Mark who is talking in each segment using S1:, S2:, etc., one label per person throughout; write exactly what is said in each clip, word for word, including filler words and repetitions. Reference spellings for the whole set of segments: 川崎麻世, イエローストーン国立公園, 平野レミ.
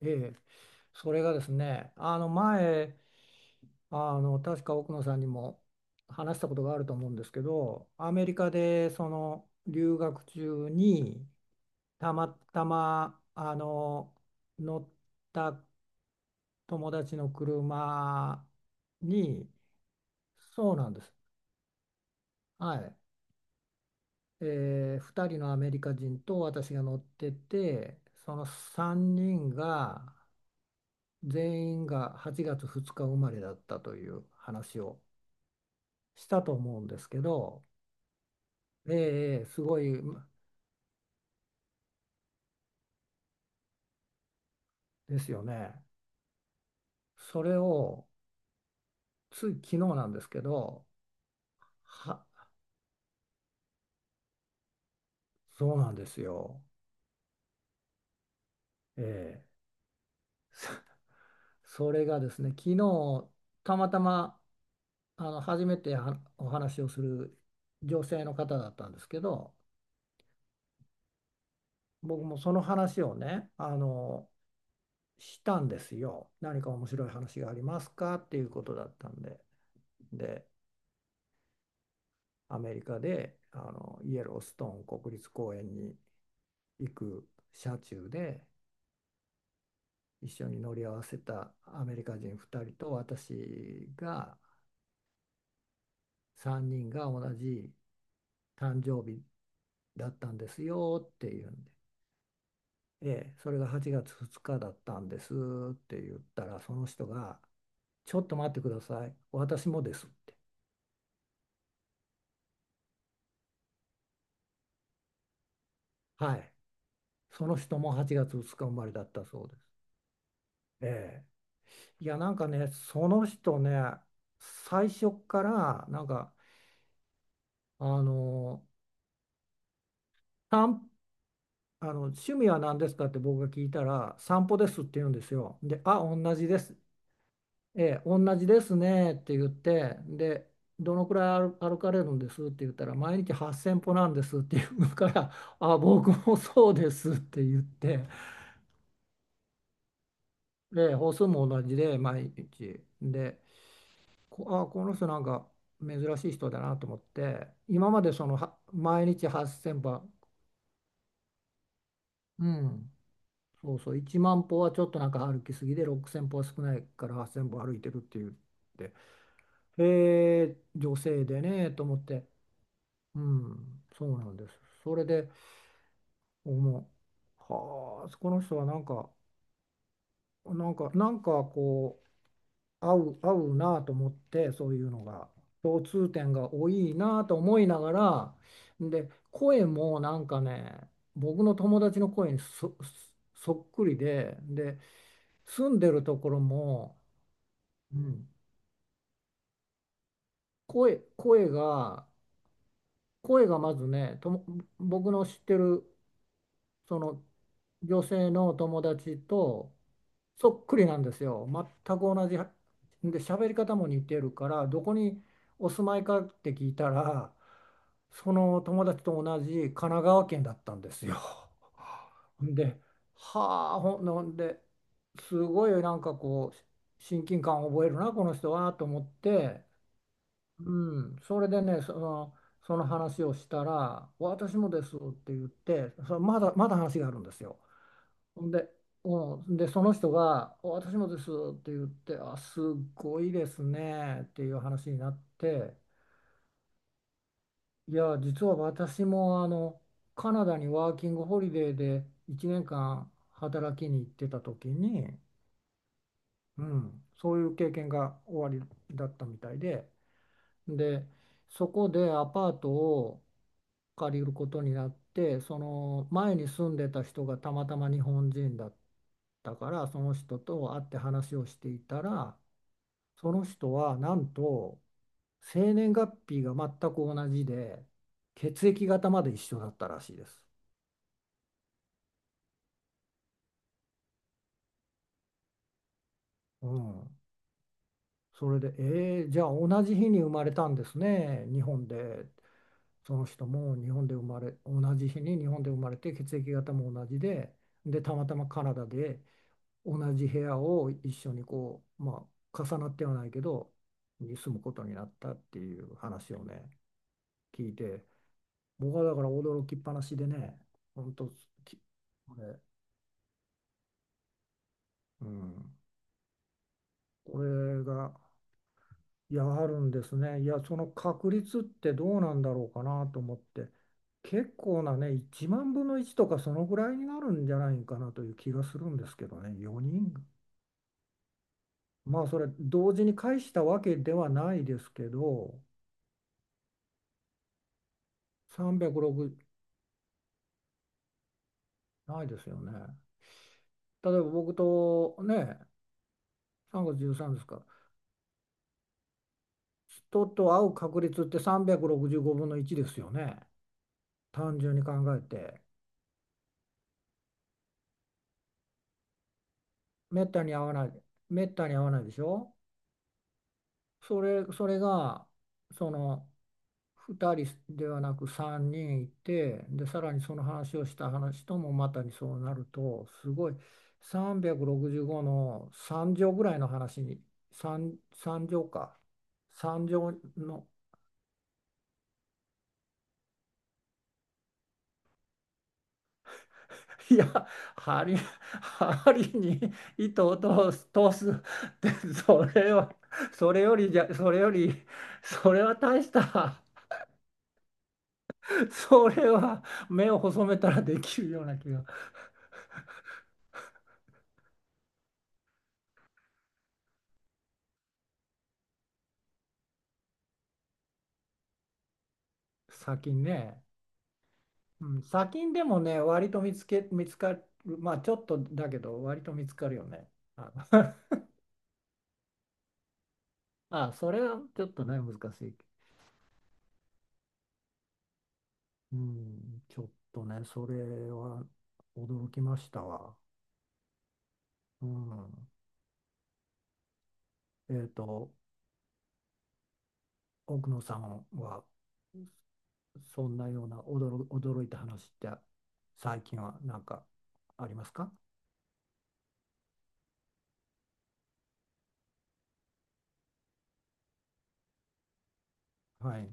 S1: ええ、それがですね、あの前、あの確か奥野さんにも話したことがあると思うんですけど、アメリカでその留学中にたまたまあの乗った友達の車に、そうなんです。はい。えー、ふたりのアメリカ人と私が乗ってて、そのさんにんが全員がはちがつふつか生まれだったという話をしたと思うんですけど、ええ、ええ、すごい、まですよね。それをつい昨日なんですけど、は、そうなんですよ。ええ、そ それがですね、昨日たまたまあの初めてはお話をする女性の方だったんですけど、僕もその話をね、あの、したんですよ。何か面白い話がありますかっていうことだったんで。で、アメリカであのイエローストーン国立公園に行く車中で一緒に乗り合わせたアメリカ人ふたりと私がさんにんが同じ誕生日だったんですよっていうんで、ええ、それがはちがつふつかだったんですって言ったらその人が「ちょっと待ってください、私もです」って。「はい、その人もはちがつふつか生まれだったそうです」。ええ、いや、なんかね、その人ね、最初から、なんか、あの、散あの趣味は何ですかって僕が聞いたら、散歩ですって言うんですよ。で、あ、同じです。ええ、同じですねって言って、で、どのくらい歩歩かれるんですって言ったら、毎日はっせんぽ歩なんですって言うから、あ、僕もそうですって言って、で、歩数も同じで、毎日。で、こ、あ、この人なんか珍しい人だなと思って、今までそのは毎日はっせんぽ歩。うん、そう、そう、いちまん歩はちょっとなんか歩きすぎで、ろくせん歩は少ないからはっせん歩歩いてるって言って、へえ、女性でね、と思って。うん、そうなんです。それで思う、はあ、この人はなんかなんかなんかこ合う、合うなと思って、そういうのが共通点が多いなと思いながら。で、声もなんかね、僕の友達の声にそ、そっくりで、で住んでるところも、うん、声、声が声がまずねとも、僕の知ってるその女性の友達とそっくりなんですよ。全く同じ。で、喋り方も似てるから、どこにお住まいかって聞いたら、その友達と同じ神奈川県だったんですよ。で、はあ、ほんなんで、すごいなんかこう、親近感を覚えるな、この人はと思って、うん、それでね、その、その話をしたら、私もですって言って、そまだ、まだ話があるんですよ。ほんで、うん、で、その人が、私もですって言って、あ、すごいですねっていう話になって、いや、実は私もあの、カナダにワーキングホリデーでいちねんかん働きに行ってた時に、うん、そういう経験が終わりだったみたいで。で、そこでアパートを借りることになって、その前に住んでた人がたまたま日本人だったから、その人と会って話をしていたら、その人はなんと生年月日が全く同じで、血液型まで一緒だったらしいです。うん。それで、えー、じゃあ同じ日に生まれたんですね、日本で。その人も日本で生まれ、同じ日に日本で生まれて血液型も同じで、で、たまたまカナダで同じ部屋を一緒にこう、まあ、重なってはないけど、に住むことになったっていう話をね、聞いて、僕はだから驚きっぱなしでね、本当、きこれ、うん、これがいや、あるんですね。いや、その確率ってどうなんだろうかなと思って、結構なね、いちまんぶんのいちとかそのぐらいになるんじゃないかなという気がするんですけどね、よにん。まあ、それ、同時に返したわけではないですけど、さんびゃくろくじゅう、ないですよね。例えば僕とね、さんがつじゅうさんですか、人と会う確率ってさんびゃくろくじゅうごぶんのいちですよね、単純に考えて。めったに会わない、めったに会わないでしょ。それ、それがそのふたりではなくさんにんいてで、さらにその話をした話ともまたにそうなるとすごいさんびゃくろくじゅうごのさん乗ぐらいの話に、さん、さん乗か、さん乗の いや、針、針に糸を通す、通すって、それは、それよりじゃ、それより、それは大したそれは目を細めたらできるような気が。砂金ね。うん、砂金でもね、割と見つけ、見つかる、まあちょっとだけど、割と見つかるよね。あ、あ、それはちょっとね、難しい。うん、ちょっとね、それは驚きましたわ。うん。えっと、奥野さんは、そんなような驚、驚いた話って、最近はなんかありますか？はい。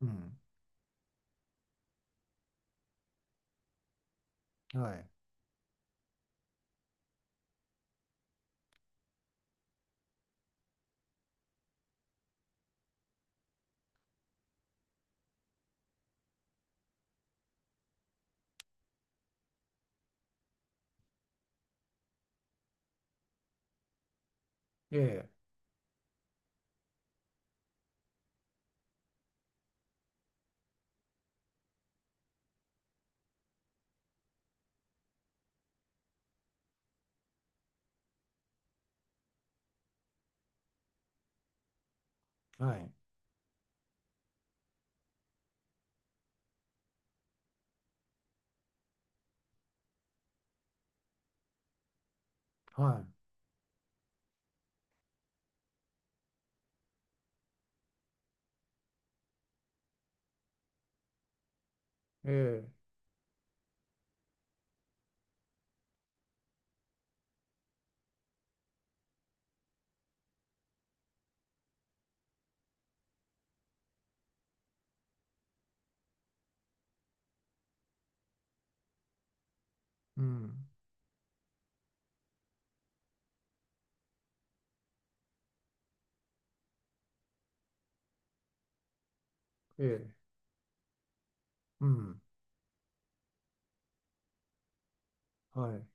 S1: うん。はい。ええ。はい。はい。ええ。うん。ええ。うん。はい。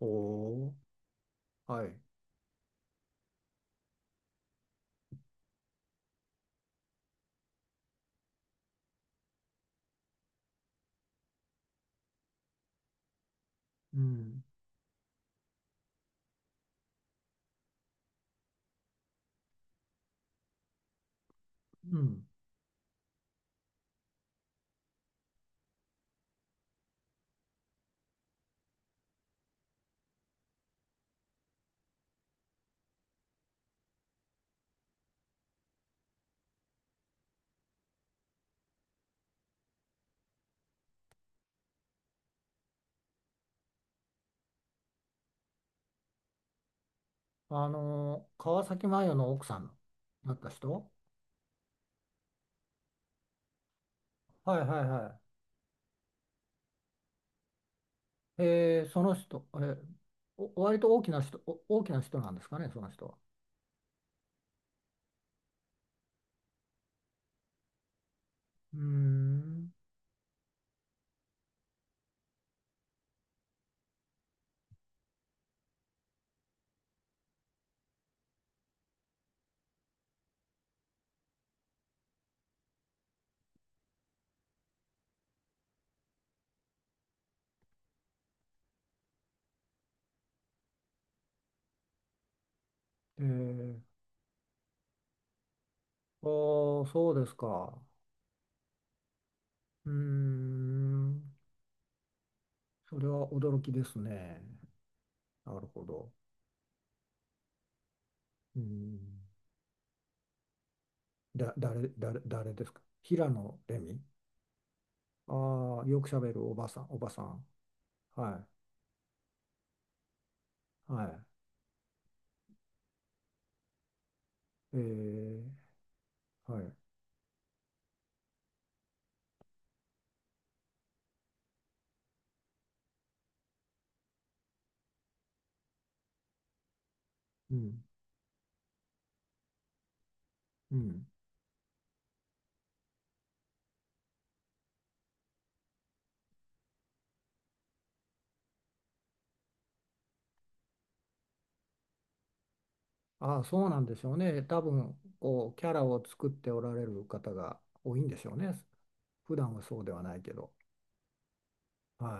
S1: おー。はい。うん。うん。あのー川崎麻世の奥さんだった人。はいはいはい。えー、その人、えー、お割と大きな人、お大きな人なんですかね、その人は。うーん。えー、ああ、そうですか。うーん。それは驚きですね。なるほど。うーん。だ、誰、誰、誰ですか、平野レミ。ああ、よくしゃべるおばさん、おばさん。はい。はい。えー、はい。うん。うん。ああ、そうなんでしょうね。多分、こう、キャラを作っておられる方が多いんでしょうね。普段はそうではないけど。はい。